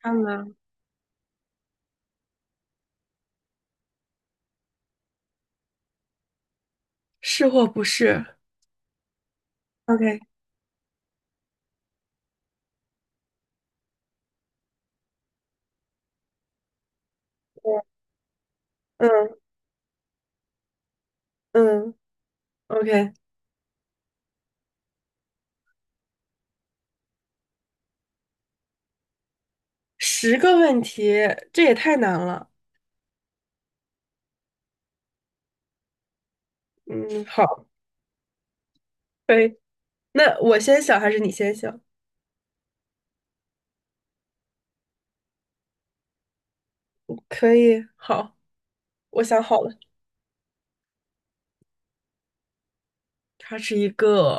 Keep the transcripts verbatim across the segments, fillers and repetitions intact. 看吗？是或不是？OK，嗯嗯，OK，十个问题，这也太难了。嗯，好，可以。那我先想还是你先想？可以，好，我想好了。它是一个，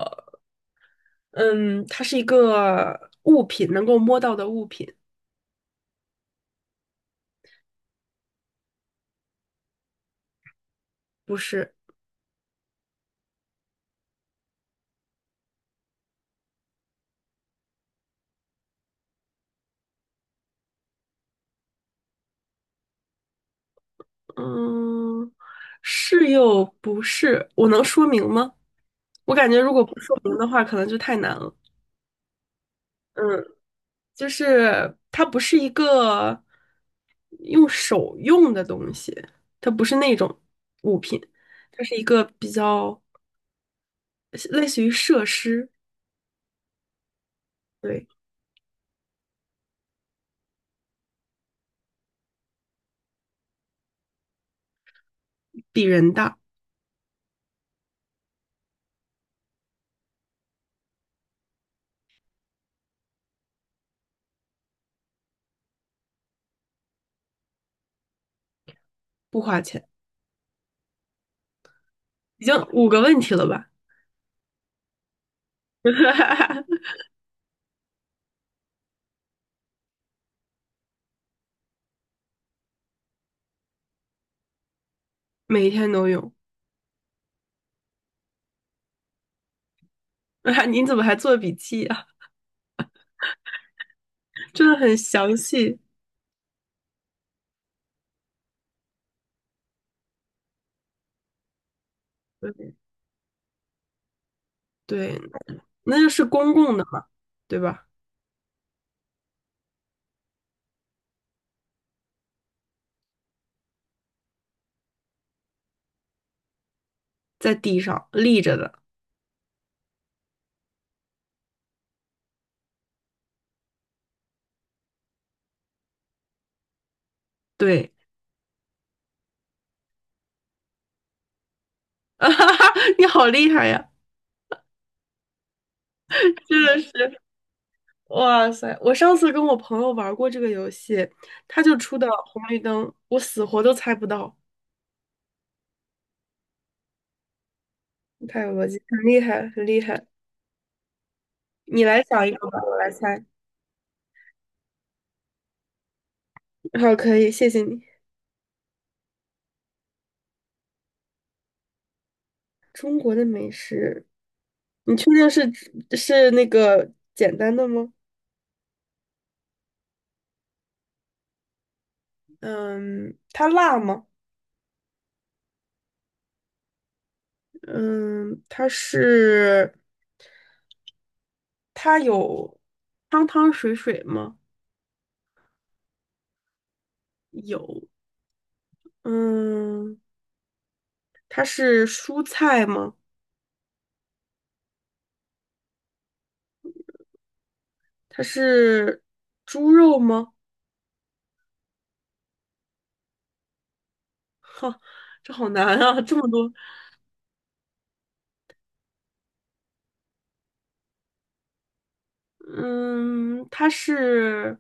嗯，它是一个物品，能够摸到的物品，不是，嗯，是又不是。我能说明吗？我感觉如果不说明的话，可能就太难了。嗯。就是它不是一个用手用的东西，它不是那种物品，它是一个比较类似于设施，对，比人大，不花钱。已经五个问题了吧？每天都有，你怎么还做笔记啊？真的很详细。对，对，那就是公共的嘛，对吧？在地上立着的，对，你好厉害呀！真的是，哇塞！我上次跟我朋友玩过这个游戏，他就出的红绿灯，我死活都猜不到，太有逻辑，很厉害，很厉害。你来想一个吧，我来猜。好，可以，谢谢你。中国的美食，你确定是是那个简单的吗？嗯，它辣吗？嗯，它是，它有汤汤水水吗？有。嗯，它是蔬菜吗？它是猪肉吗？哈，这好难啊，这么多。嗯，它是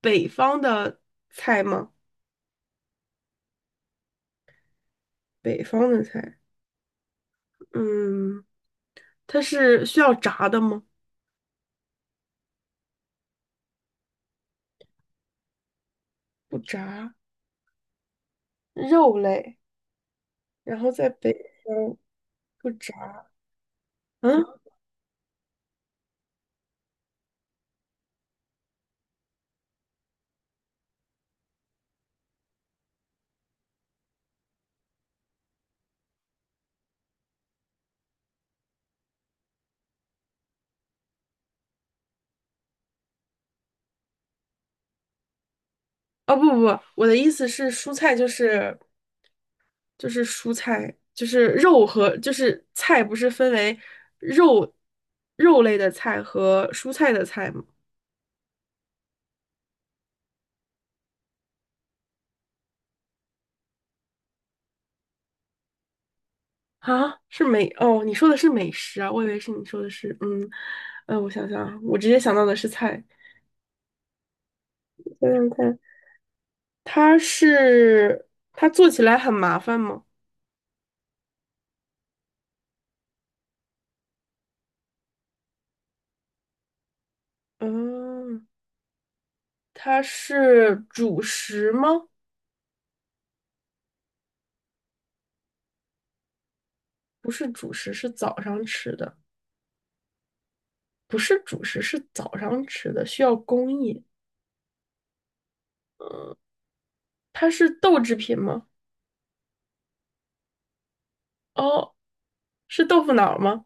北方的菜吗？北方的菜。嗯，它是需要炸的吗？不炸，肉类，然后在北方不炸。嗯，哦不不不，我的意思是蔬菜就是就是蔬菜，就是肉和就是菜不是分为肉肉类的菜和蔬菜的菜吗？啊，是美，哦，你说的是美食啊，我以为是你说的是，嗯，呃，我想想啊，我直接想到的是菜，想想看，它是它做起来很麻烦吗？嗯，它是主食吗？不是主食，是早上吃的，不是主食，是早上吃的，需要工艺。它是豆制品吗？哦，是豆腐脑儿吗？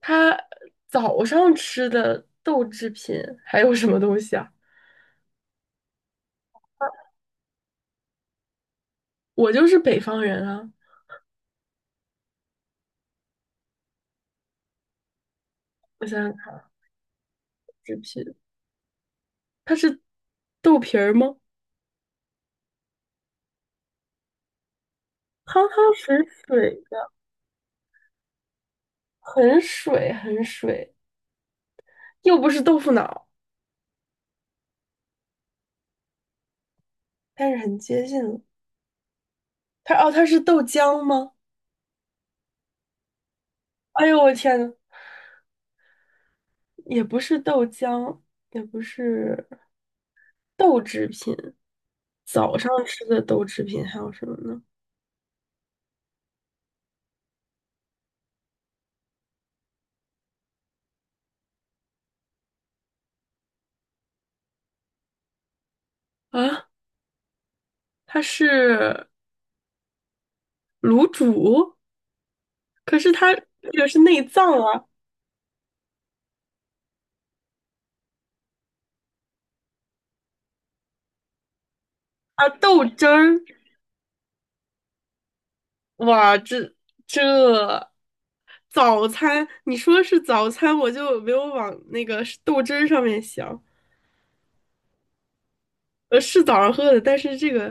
它早上吃的豆制品还有什么东西啊？我就是北方人啊，我想想看，纸皮，它是豆皮儿吗？汤汤水水的，很水很水，又不是豆腐脑，但是很接近了它哦，它是豆浆吗？哎呦，我天呐，也不是豆浆，也不是豆制品。早上吃的豆制品还有什么呢？啊，它是卤煮，可是它这个是内脏啊啊，豆汁儿，哇，这这早餐，你说是早餐，我就没有往那个豆汁儿上面想。呃，是早上喝的，但是这个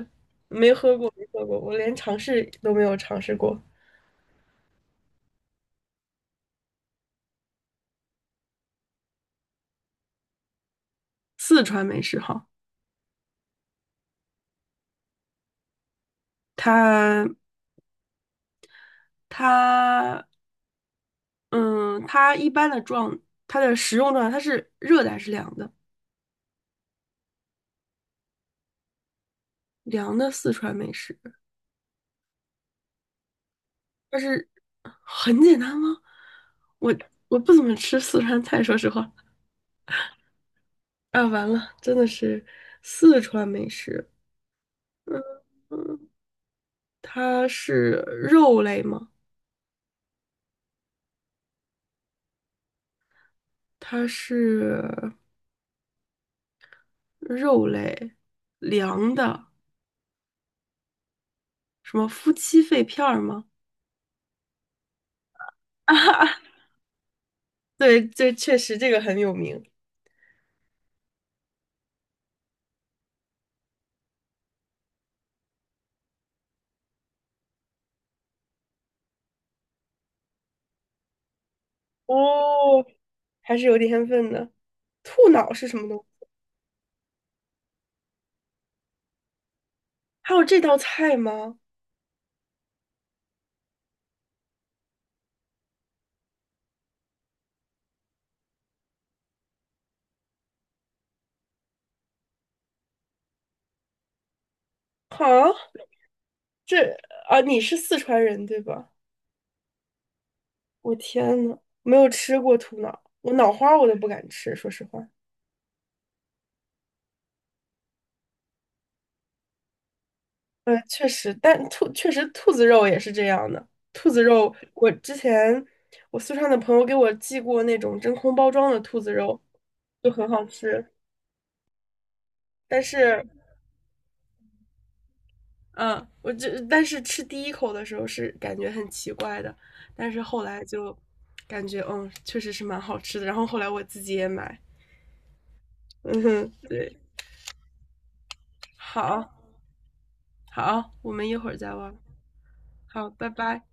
我没喝过，我连尝试都没有尝试过。四川美食哈，它它嗯，它一般的状，它的食用状态，它是热的还是凉的？凉的四川美食，但是很简单吗？我我不怎么吃四川菜，说实话。啊，完了，真的是四川美食。嗯，它是肉类吗？它是肉类，凉的，什么夫妻肺片儿吗？啊对，这确实这个很有名。哦，还是有点天分的。兔脑是什么东西？还有这道菜吗？哈，这啊，你是四川人对吧？我天呐，没有吃过兔脑，我脑花我都不敢吃，说实话。呃，确实，但兔确实兔子肉也是这样的。兔子肉，我之前我四川的朋友给我寄过那种真空包装的兔子肉，就很好吃。但是，嗯，我这但是吃第一口的时候是感觉很奇怪的，但是后来就感觉嗯，确实是蛮好吃的。然后后来我自己也买，嗯哼，对，好，好，我们一会儿再玩，好，拜拜。